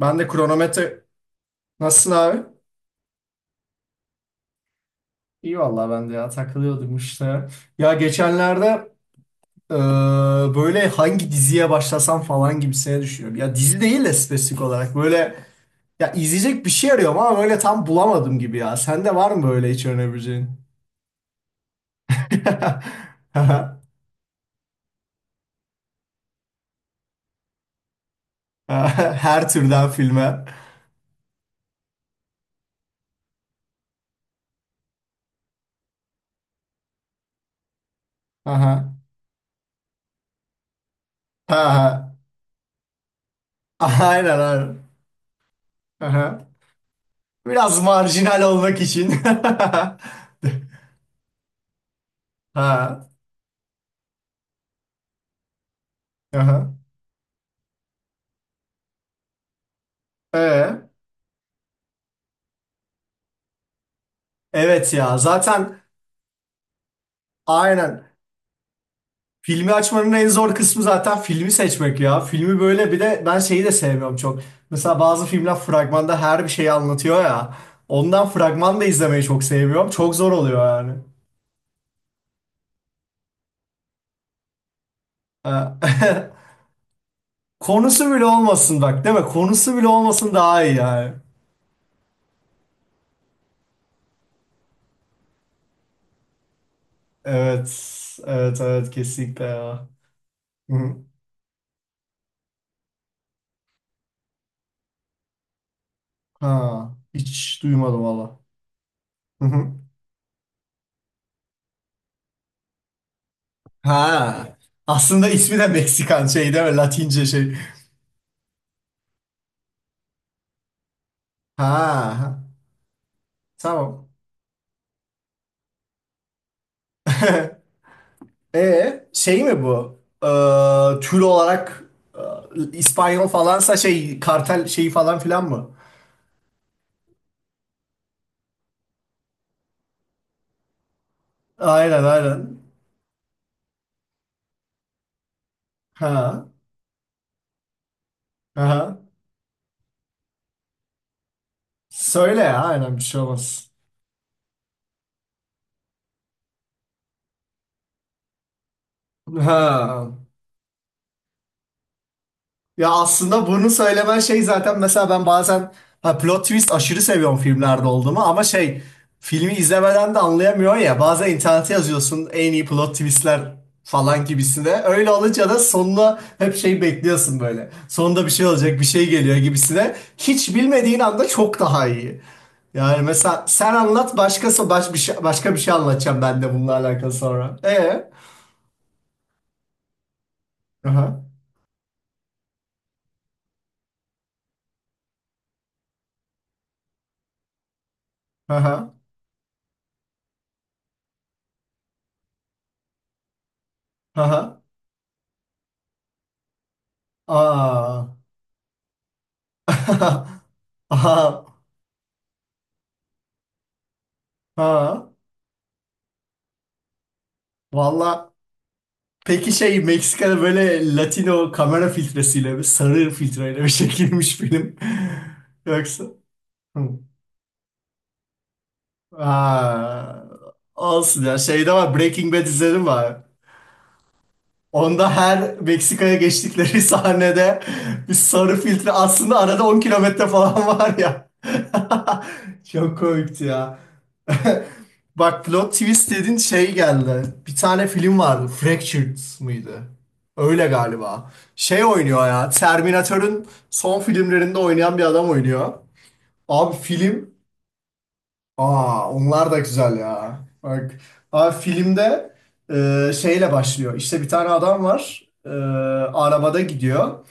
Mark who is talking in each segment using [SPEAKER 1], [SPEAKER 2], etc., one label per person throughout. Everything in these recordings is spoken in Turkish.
[SPEAKER 1] Ben de kronometre... Nasılsın abi? İyi vallahi ben de ya takılıyordum işte. Ya geçenlerde e, böyle hangi diziye başlasam falan gibisine düşünüyorum. Ya dizi değil de spesifik olarak böyle ya izleyecek bir şey arıyorum ama böyle tam bulamadım gibi ya. Sende var mı böyle hiç önerebileceğin? Her türden filme. Aha. Aha. Aynen aynen. Aha. Biraz marjinal olmak için. Ha. Aha. Ee? Evet ya zaten aynen filmi açmanın en zor kısmı zaten filmi seçmek ya. Filmi böyle bir de ben şeyi de sevmiyorum çok. Mesela bazı filmler fragmanda her bir şeyi anlatıyor ya. Ondan fragman da izlemeyi çok sevmiyorum. Çok zor oluyor yani. Ee, Konusu bile olmasın bak değil mi? Konusu bile olmasın daha iyi yani. Evet. Evet evet kesinlikle ya. Hı. Ha, hiç duymadım valla. Hı hı. Ha. Aslında ismi de Meksikan şey değil mi? Latince şey. Ha, ha. Tamam. E şey mi bu? Tür olarak İspanyol falansa şey kartel şeyi falan filan mı? Aynen aynen. Ha. Aha. Söyle ya aynen bir şey olmaz. Ha. Ya aslında bunu söylemen şey zaten mesela ben bazen ha, plot twist aşırı seviyorum filmlerde olduğumu ama şey filmi izlemeden de anlayamıyor ya bazen internete yazıyorsun en iyi plot twistler falan gibisine öyle olunca da sonuna hep şey bekliyorsun böyle sonunda bir şey olacak bir şey geliyor gibisine hiç bilmediğin anda çok daha iyi yani mesela sen anlat başkası baş bir şey, başka bir şey anlatacağım ben de bununla alakalı sonra aha aha aha aha aa Aha. Ha, valla peki şey Meksika'da böyle Latino kamera filtresiyle bir sarı filtreyle bir çekilmiş film. Yoksa. Hı. Ha, olsun ya şeyde var Breaking Bad izledim var. Onda her Meksika'ya geçtikleri sahnede bir sarı filtre aslında arada 10 kilometre falan var ya. Çok komikti ya. Bak plot twist dedin şey geldi. Bir tane film vardı. Fractured mıydı? Öyle galiba. Şey oynuyor ya. Terminator'ın son filmlerinde oynayan bir adam oynuyor. Abi film. Aa onlar da güzel ya. Bak. Abi filmde şeyle başlıyor. İşte bir tane adam var. Arabada gidiyor.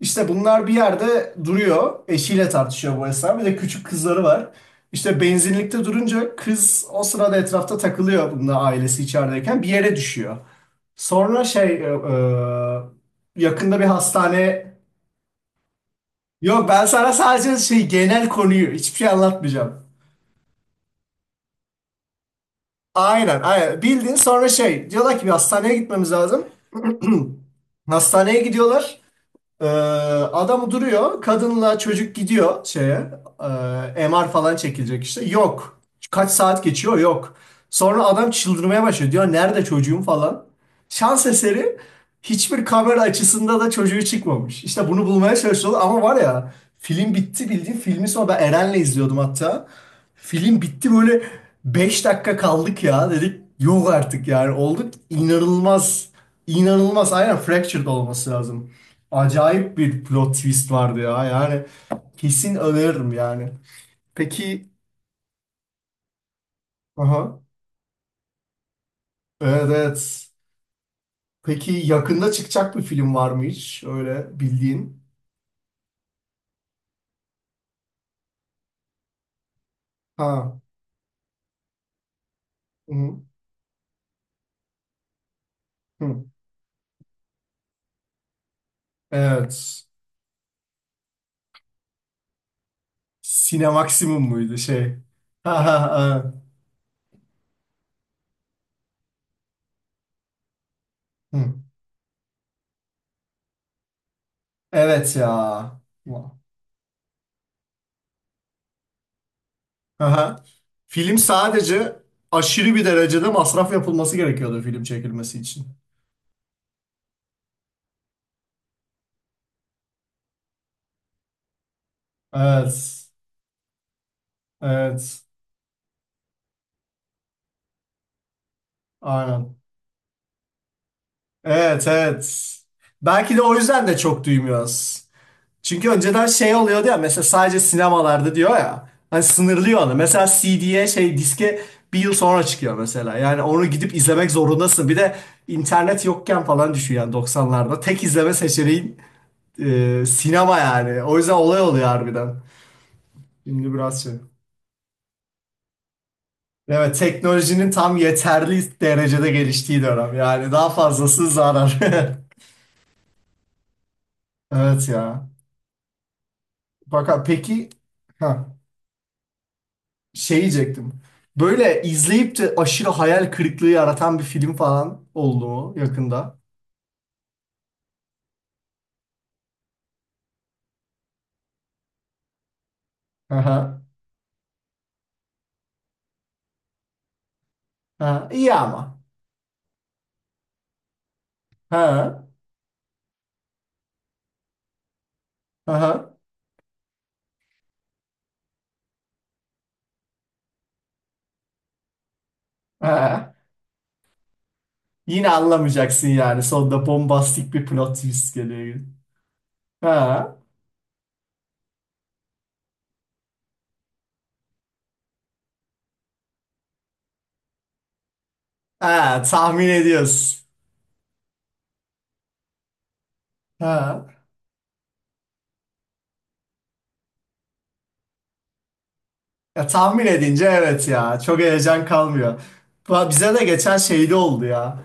[SPEAKER 1] İşte bunlar bir yerde duruyor. Eşiyle tartışıyor bu esnada. Bir de küçük kızları var. İşte benzinlikte durunca kız o sırada etrafta takılıyor bununla ailesi içerideyken bir yere düşüyor. Sonra şey yakında bir hastane yok ben sana sadece şey genel konuyu hiçbir şey anlatmayacağım. Aynen aynen bildin sonra şey diyorlar ki bir hastaneye gitmemiz lazım. Hastaneye gidiyorlar. Ee, Adam duruyor. Kadınla çocuk gidiyor şeye. E, MR falan çekilecek işte. Yok. Kaç saat geçiyor? Yok. Sonra adam çıldırmaya başlıyor. Diyor nerede çocuğum falan. Şans eseri hiçbir kamera açısında da çocuğu çıkmamış. İşte bunu bulmaya çalışıyorlar ama var ya film bitti bildiğin filmi sonra ben Eren'le izliyordum hatta. Film bitti böyle 5 dakika kaldık ya dedik. Yok artık yani olduk inanılmaz. İnanılmaz aynen fractured olması lazım. Acayip bir plot twist vardı ya. Yani kesin öneririm yani. Peki, aha, evet evet. Peki yakında çıkacak bir film var mı hiç? Öyle bildiğin. Ha. Hı, hı. Evet. Sinemaksimum muydu şey? Ha ha ha. Hı. Evet ya. Aha. Film sadece aşırı bir derecede masraf yapılması gerekiyordu film çekilmesi için. Evet. Evet. Aynen. Evet evet. Belki de o yüzden de çok duymuyoruz. Çünkü önceden şey oluyordu ya mesela sadece sinemalarda diyor ya. Hani sınırlıyor onu. Mesela CD'ye şey diske bir yıl sonra çıkıyor mesela. Yani onu gidip izlemek zorundasın. Bir de internet yokken falan düşüyor yani 90'larda. Tek izleme seçeneğin sinema yani. O yüzden olay oluyor harbiden. Şimdi biraz şey. Evet teknolojinin tam yeterli derecede geliştiği dönem. Yani daha fazlası zarar. Evet ya. Fakat peki ha, şey diyecektim. Böyle izleyip de aşırı hayal kırıklığı yaratan bir film falan oldu mu yakında? Aha, aha, iyi ama. Ha, aha, ha. Yine anlamayacaksın yani. Sonunda bombastik bir plot twist geliyor. Ha, ha, tahmin ediyorsun. Ha. Ya, tahmin edince evet ya. Çok heyecan kalmıyor. Va- Bize de geçen şeyde oldu ya.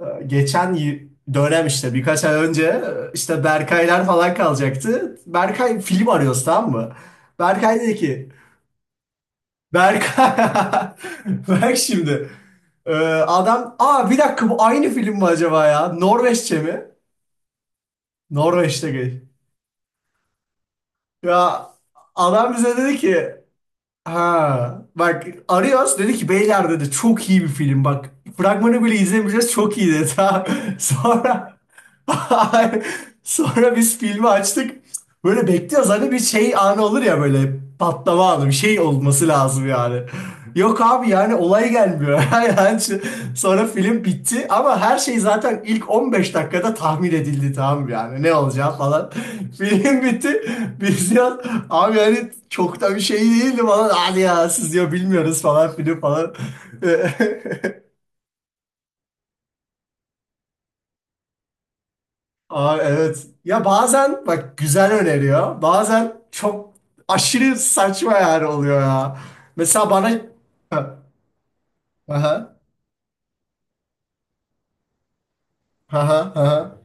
[SPEAKER 1] Geçen y- dönem işte birkaç ay önce işte Berkaylar falan kalacaktı. Berkay film arıyoruz tamam mı? Berkay dedi ki Berkay bak şimdi Ee, adam aa bir dakika bu aynı film mi acaba ya? Norveççe mi? Norveç'te gay. Ya adam bize dedi ki Ha bak Arias dedi ki beyler dedi çok iyi bir film bak fragmanı bile izlemeyeceğiz çok iyi dedi ha. Sonra sonra biz filmi açtık böyle bekliyoruz hani bir şey anı olur ya böyle patlama anı bir şey olması lazım yani. Yok abi yani olay gelmiyor. Yani şu- sonra film bitti ama her şey zaten ilk 15 dakikada tahmin edildi tamam mı yani ne olacağı falan. Film bitti. Biz ya abi yani çok da bir şey değildi falan. Hadi ya siz diyor bilmiyoruz falan film falan. Aa, evet. Ya bazen bak güzel öneriyor. Bazen çok aşırı saçma yani oluyor ya. Mesela bana Ha, aha, aha, aha.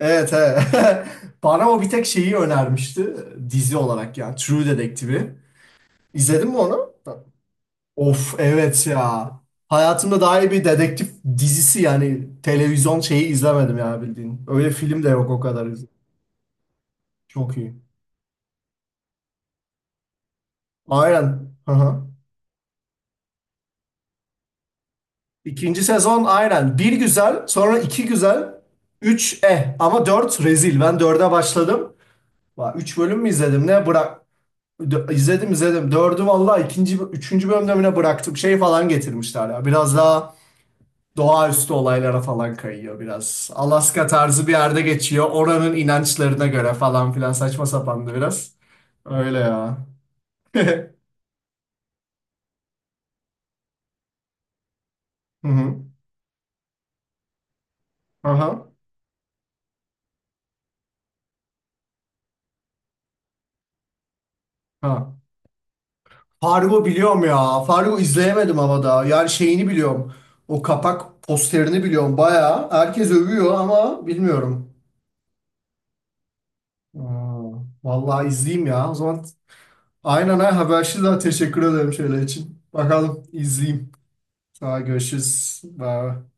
[SPEAKER 1] Evet, evet. Bana o bir tek şeyi önermişti dizi olarak ya. True Detective'i. İzledin mi onu? Of evet ya. Hayatımda daha iyi bir dedektif dizisi yani televizyon şeyi izlemedim ya bildiğin. Öyle film de yok o kadar. Çok iyi. Aynen. Aha. İkinci sezon aynen. Bir güzel, sonra iki güzel, üç eh ama dört rezil. Ben dörde başladım. Va- Üç bölüm mü izledim ne? Bırak Dö- izledim izledim. Dördü valla ikinci, üçüncü bölümde mi ne bıraktım. Şey falan getirmişler ya. Biraz daha doğaüstü olaylara falan kayıyor biraz. Alaska tarzı bir yerde geçiyor. Oranın inançlarına göre falan filan saçma sapandı biraz. Öyle ya. Hı hı. Aha. Ha. Fargo biliyorum ya. Fargo izleyemedim ama daha. Yani şeyini biliyorum. O kapak posterini biliyorum. Bayağı herkes övüyor ama bilmiyorum. Aa, vallahi izleyeyim ya. O zaman aynen ha habersiz daha teşekkür ederim şöyle için. Bakalım izleyeyim. Daha görüşürüz. Bye.